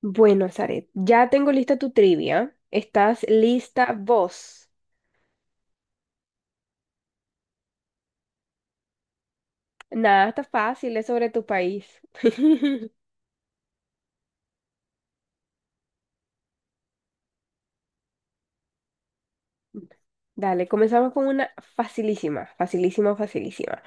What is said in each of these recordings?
Bueno, Zaret, ya tengo lista tu trivia. ¿Estás lista vos? Nada, está fácil, es sobre tu país. Dale, comenzamos con una facilísima, facilísima, facilísima.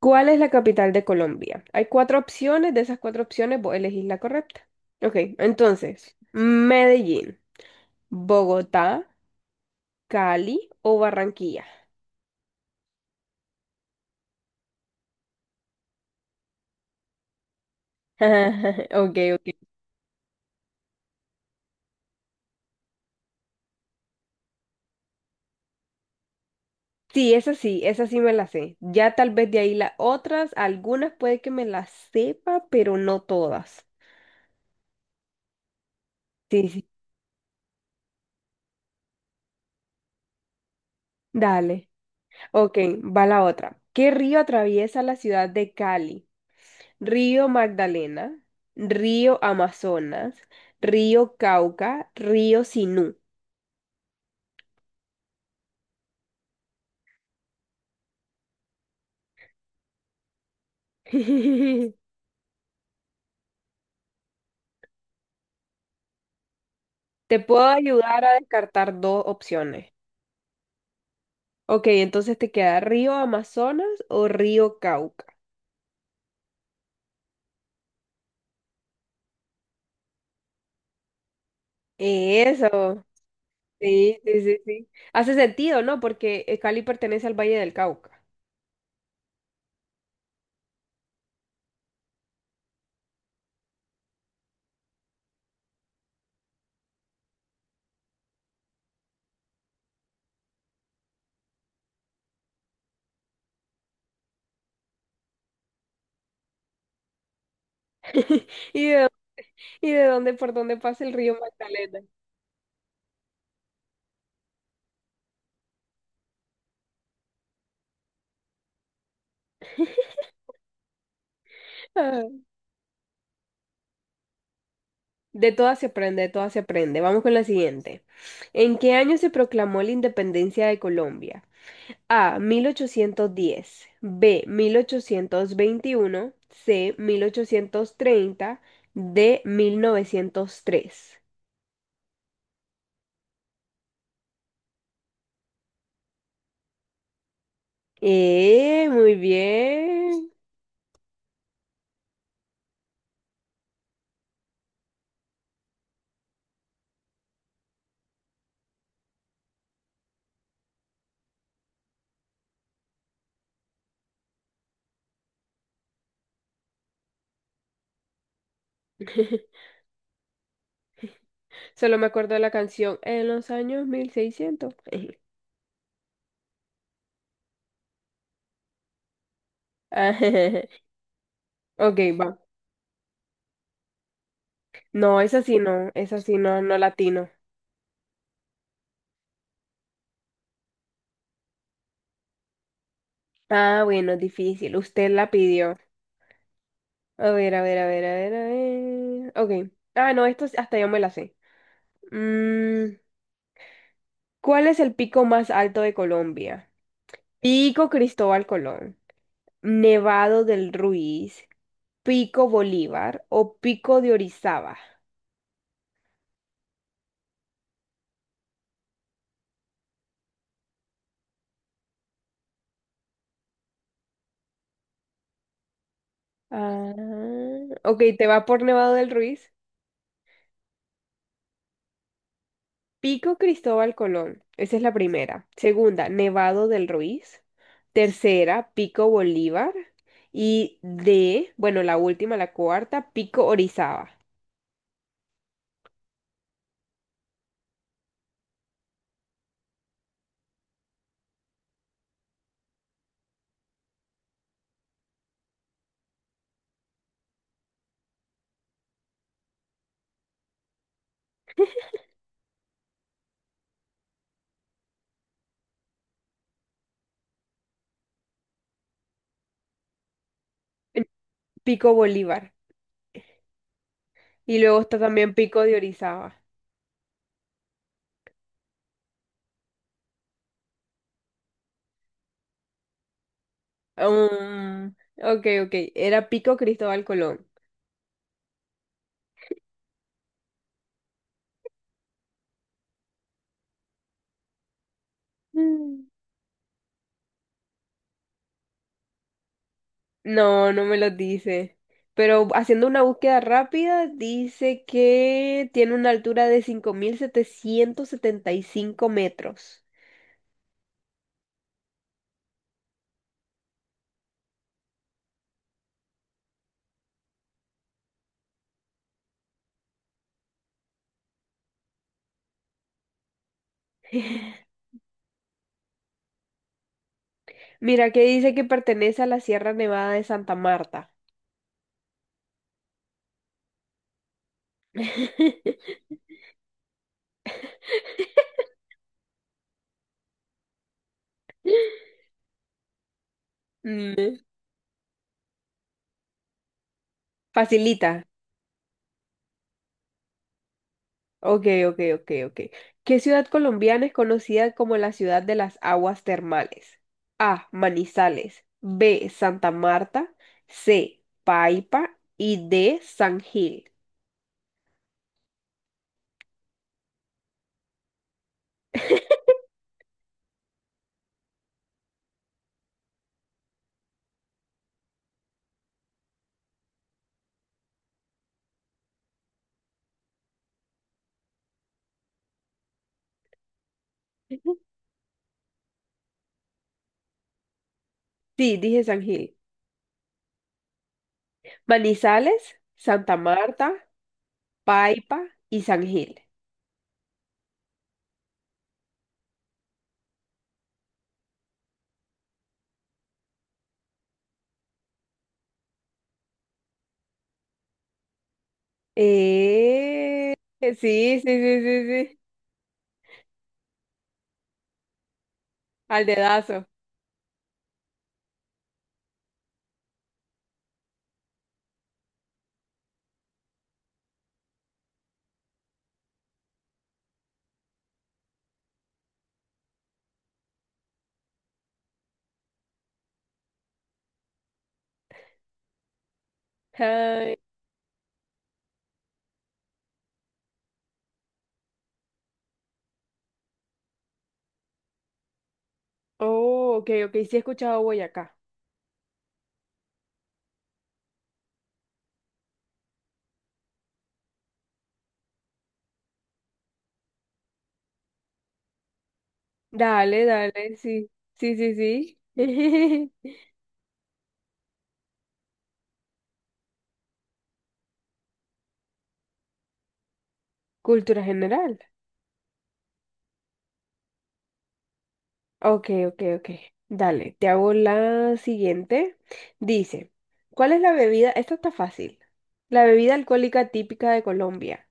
¿Cuál es la capital de Colombia? Hay cuatro opciones, de esas cuatro opciones vos elegís la correcta. Ok, entonces, Medellín, Bogotá, Cali o Barranquilla. Ok, ok, sí, esa sí, esa sí me la sé. Ya tal vez de ahí las otras, algunas puede que me las sepa, pero no todas. Sí, sí. Dale. Ok, va la otra. ¿Qué río atraviesa la ciudad de Cali? Río Magdalena, río Amazonas, río Cauca, río Sinú. Te puedo ayudar a descartar dos opciones. Ok, entonces te queda río Amazonas o río Cauca. Eso. Sí, sí, sí, sí. Hace sentido, ¿no? Porque Cali pertenece al Valle del Cauca. ¿Y de, ¿Y de dónde, por dónde pasa el río Magdalena? Ah, de todas se aprende, de todas se aprende. Vamos con la siguiente. ¿En qué año se proclamó la independencia de Colombia? A. 1810, B. 1821, C. 1830, D. 1903. Muy bien. Solo me acuerdo de la canción en los años 1600. Ah, Ok, va. No, esa sí no, esa sí no, no latino. Ah, bueno, difícil. Usted la pidió. A ver, a ver, a ver, a ver, a ver. Ok. Ah, no, esto sí hasta yo me la sé. Mm, ¿cuál es el pico más alto de Colombia? Pico Cristóbal Colón, Nevado del Ruiz, Pico Bolívar o Pico de Orizaba. Ah, ok, te va por Nevado del Ruiz. Pico Cristóbal Colón. Esa es la primera. Segunda, Nevado del Ruiz. Tercera, Pico Bolívar. Y de, bueno, la última, la cuarta, Pico Orizaba. Eh, Pico Bolívar. Y luego está también Pico de Orizaba. Um, ok, ok. Era Pico Cristóbal Colón. Mm. No, no me los dice. Pero haciendo una búsqueda rápida, dice que tiene una altura de 5775 metros. Mira que dice que pertenece a la Sierra Nevada de Santa Marta. Mm, facilita. Ok, ok, ok, ok. ¿Qué ciudad colombiana es conocida como la ciudad de las aguas termales? A. Manizales. B. Santa Marta. C. Paipa. Y D. San Gil. Sí, dije San Gil. Manizales, Santa Marta, Paipa y San Gil. Eh, sí, sí, sí, sí, sí. Al dedazo. Ay, oh, ok, ok. Sí he escuchado Boyacá. Dale, dale, sí. Sí, sí, sí. Cultura general. Ok, ok, ok. Dale, te hago la siguiente. Dice, ¿cuál es la bebida? Esta está fácil. La bebida alcohólica típica de Colombia.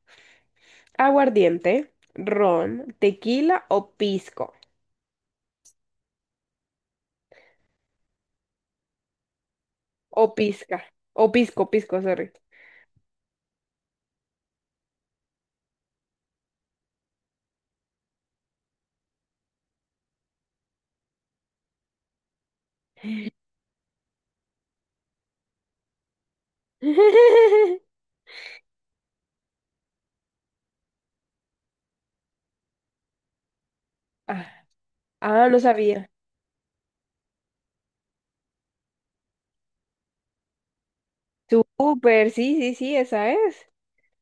Aguardiente, ron, tequila o pisco. O pizca. O pisco, pisco, sorry. Ah, ah, no sabía. Súper, sí, sí, sí, esa es.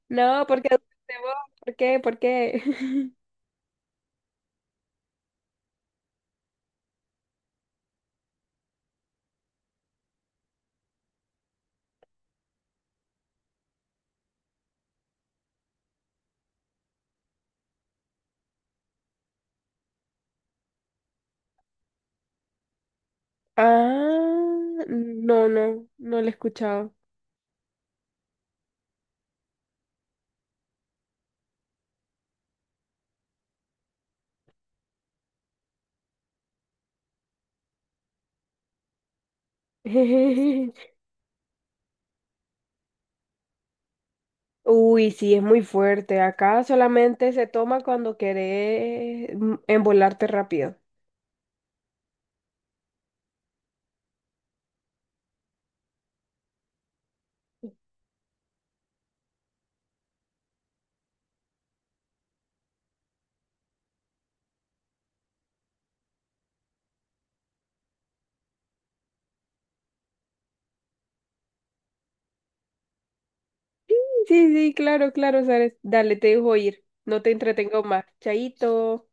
¿No, porque dudaste vos? ¿Por qué? ¿Por qué? Ah, no, no, no la he escuchado. Uy, sí, es muy fuerte. Acá solamente se toma cuando querés embolarte rápido. Sí, sí, claro, claro, Sares. Dale, te dejo ir. No te entretengo más. Chaito.